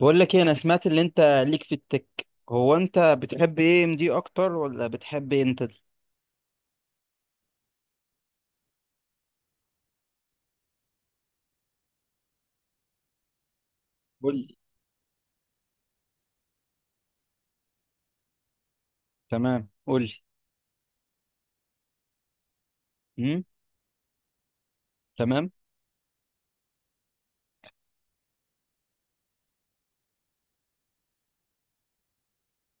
بقول لك ايه، انا سمعت اللي انت ليك في التك. هو انت بتحب ايه، ام دي اكتر ولا بتحب انتل؟ قول لي. تمام، قول لي. امم. تمام.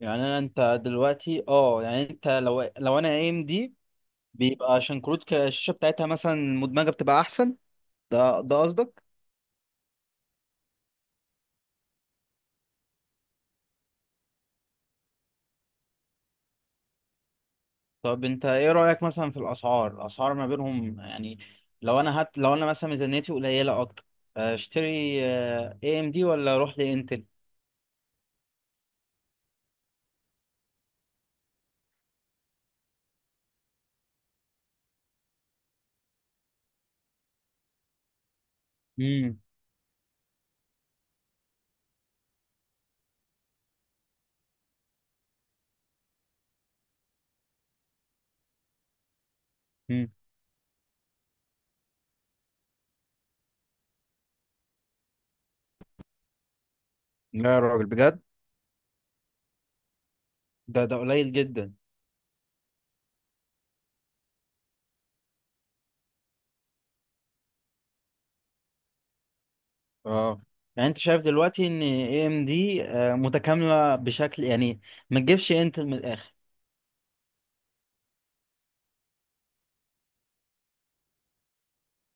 يعني انا انت دلوقتي، يعني انت لو انا ام دي، بيبقى عشان كروت الشاشه بتاعتها مثلا مدمجه بتبقى احسن. ده قصدك؟ طب انت ايه رايك مثلا في الاسعار ما بينهم يعني؟ لو انا مثلا ميزانيتي قليله اكتر، اشتري اي ام دي ولا اروح لانتل؟ امم. امم. لا يا راجل، بجد؟ ده قليل جدا. اه، يعني انت شايف دلوقتي ان اي ام دي متكامله بشكل يعني؟ ما تجيبش انت من الاخر؟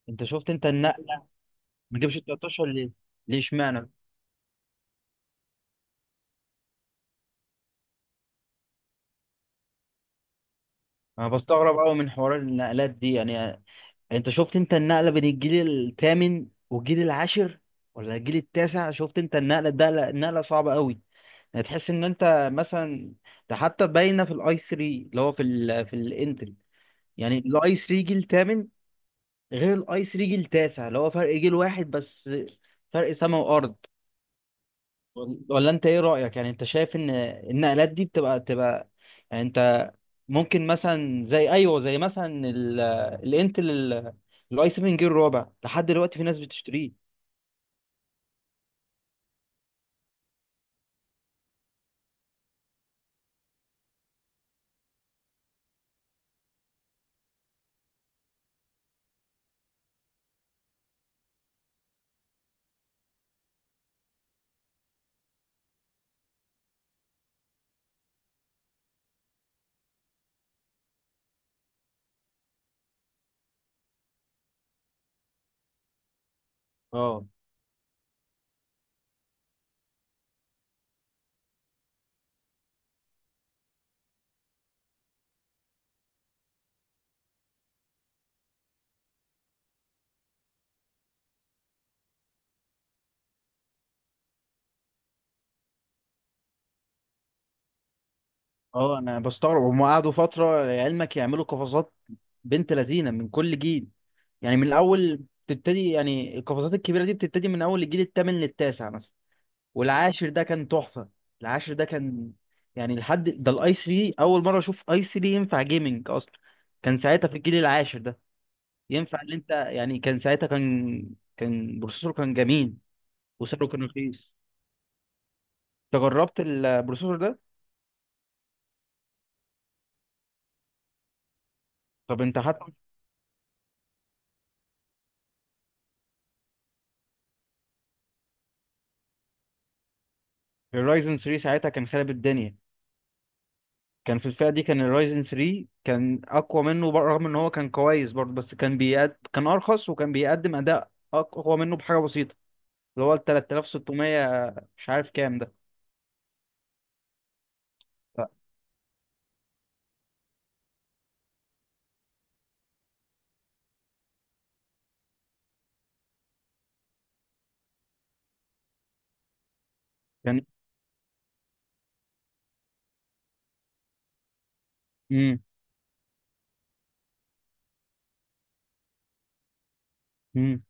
انت شفت انت النقله. ما تجيبش 13 ليه؟ ليه اشمعنى؟ انا بستغرب قوي من حوار النقلات دي يعني. انت شفت انت النقله بين الجيل الثامن والجيل العاشر ولا الجيل التاسع؟ شفت انت النقله؟ ده لا، النقله صعبه قوي. يعني تحس ان انت مثلا، ده حتى باينه في الاي 3، اللي هو في الانتري. يعني الاي 3 جيل ثامن، غير الاي 3 جيل تاسع، اللي هو فرق جيل واحد بس، فرق سما وارض. ولا انت ايه رأيك؟ يعني انت شايف ان النقلات دي بتبقى يعني. انت ممكن مثلا، زي ايوه، زي مثلا الانتل، الاي 7 جيل رابع لحد دلوقتي في ناس بتشتريه. اه. اه، انا بستغرب، هم قعدوا فترة لعلمك يعملوا قفزات بنت لذينة من كل جيل. يعني من الاول بتبتدي، يعني القفزات الكبيرة دي بتبتدي من اول الجيل الثامن للتاسع مثلا. والعاشر ده كان تحفه. العاشر ده كان، يعني لحد ده الاي 3 اول مره اشوف اي 3 ينفع جيمنج اصلا. كان ساعتها في الجيل العاشر ده ينفع ان انت، يعني كان ساعتها كان بروسيسور، كان جميل. وسعره كان رخيص. انت جربت البروسيسور ده؟ طب انت حتى الرايزن 3 ساعتها كان خارب الدنيا. كان في الفئه دي كان الرايزن 3 كان اقوى منه رغم ان هو كان كويس برضه، بس كان ارخص وكان بيقدم اداء اقوى منه بحاجه بسيطه. اللي هو ال 3600، مش عارف كام ده. ف- كان امم، امم،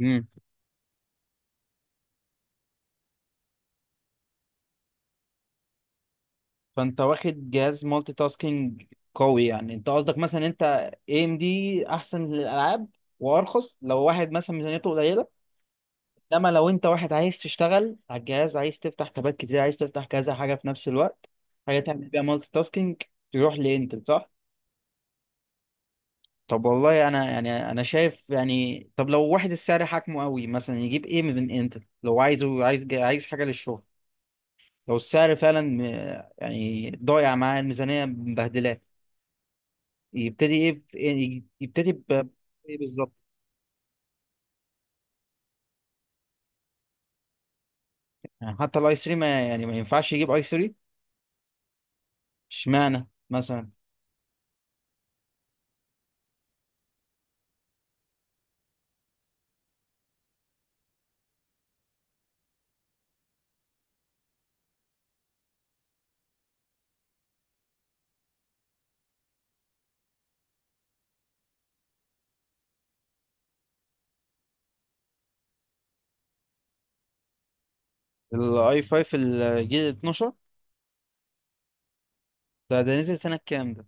امم. فانت واخد جهاز مالتي تاسكينج قوي، يعني انت قصدك مثلا، انت اي ام دي احسن للالعاب وارخص لو واحد مثلا ميزانيته قليله. انما لو انت واحد عايز تشتغل على الجهاز، عايز تفتح تابات كتير، عايز تفتح كذا حاجه في نفس الوقت، حاجه تعمل بيها مالتي تاسكينج، تروح لانتل، صح؟ طب والله انا يعني، انا شايف يعني، طب لو واحد السعر حاكمه قوي، مثلا يجيب ايه من انتل لو عايزه، عايز حاجه للشغل؟ لو السعر فعلا يعني ضايع معاه الميزانية، مبهدلاه، يبتدي ايه في؟ يبتدي ب ايه بالظبط؟ يعني حتى الاي 3، ما يعني ما ينفعش يجيب اي 3 اشمعنى مثلا؟ الاي 5 الجيل 12، ده نزل سنة كام ده؟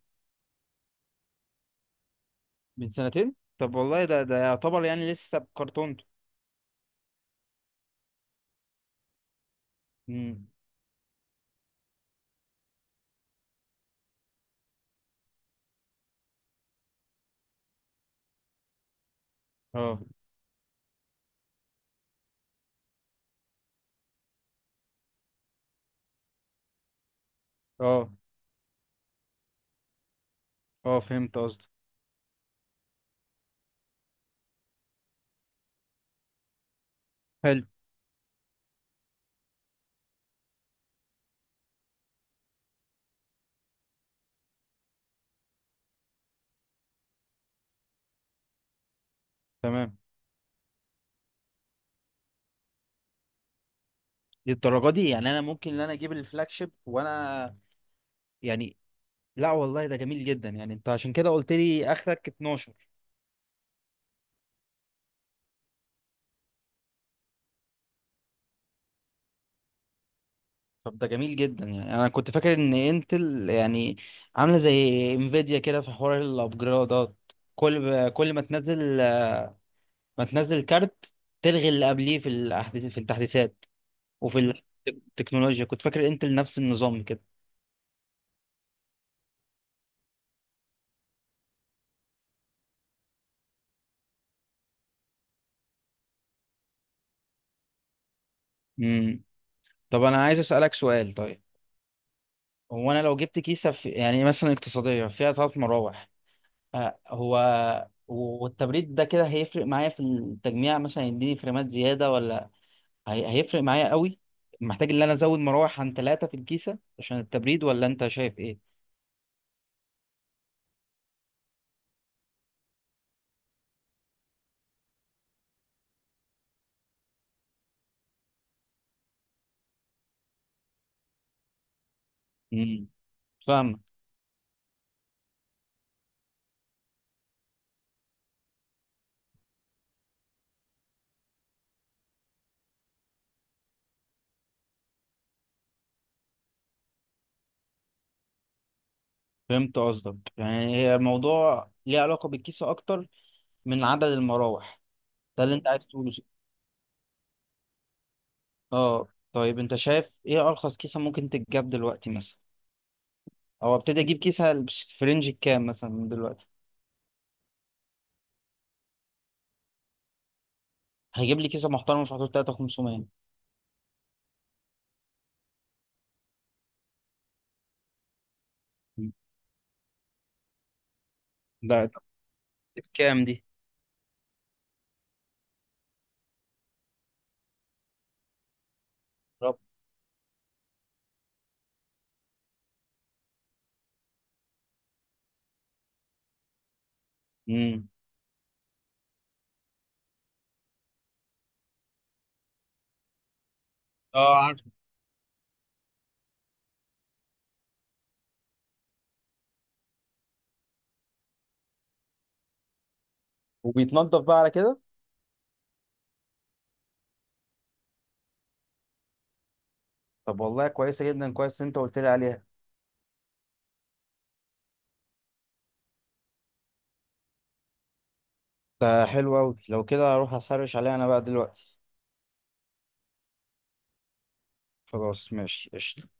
من سنتين؟ طب والله ده يعتبر يعني لسه بكرتونته. مم. اه. اه، اه، فهمت قصدي. حلو. تمام. للدرجة دي؟ يعني انا ممكن ان انا اجيب الفلاج شيب وانا يعني. لا والله ده جميل جدا، يعني انت عشان كده قلت لي اخرك 12. طب ده جميل جدا، يعني انا كنت فاكر ان انتل يعني عامله زي انفيديا كده في حوار الابجرادات. كل ما تنزل كارت تلغي اللي قبليه في الاحداث، في التحديثات وفي التكنولوجيا. كنت فاكر انتل نفس النظام كده. امم. طب انا عايز اسالك سؤال، طيب هو انا لو جبت كيسه، في يعني مثلا اقتصاديه فيها 3 مراوح، هو والتبريد ده كده هيفرق معايا في التجميع مثلا، يديني فريمات زيادة ولا؟ هيفرق معايا قوي؟ محتاج ان انا ازود مراوح عن 3 في الكيسة عشان التبريد، ولا انت شايف ايه؟ امم. فاهمك. فهمت قصدك، يعني هي الموضوع ليه علاقة بالكيسة اكتر من عدد المراوح. ده اللي انت عايز تقوله. اه، طيب انت شايف ايه ارخص كيسة ممكن تتجاب دلوقتي مثلا، او ابتدي اجيب كيسة في رينج كام مثلا من دلوقتي؟ هيجيب لي كيسة محترمة في حدود 3500؟ ده بكام دي؟ رب. امم. اه، عارف. وبيتنضف بقى على كده؟ طب والله كويسه جدا، كويس إن انت قلت لي عليها. ده حلو قوي، لو كده هروح اسرش عليها انا بقى دلوقتي. خلاص، ماشي، قشطة.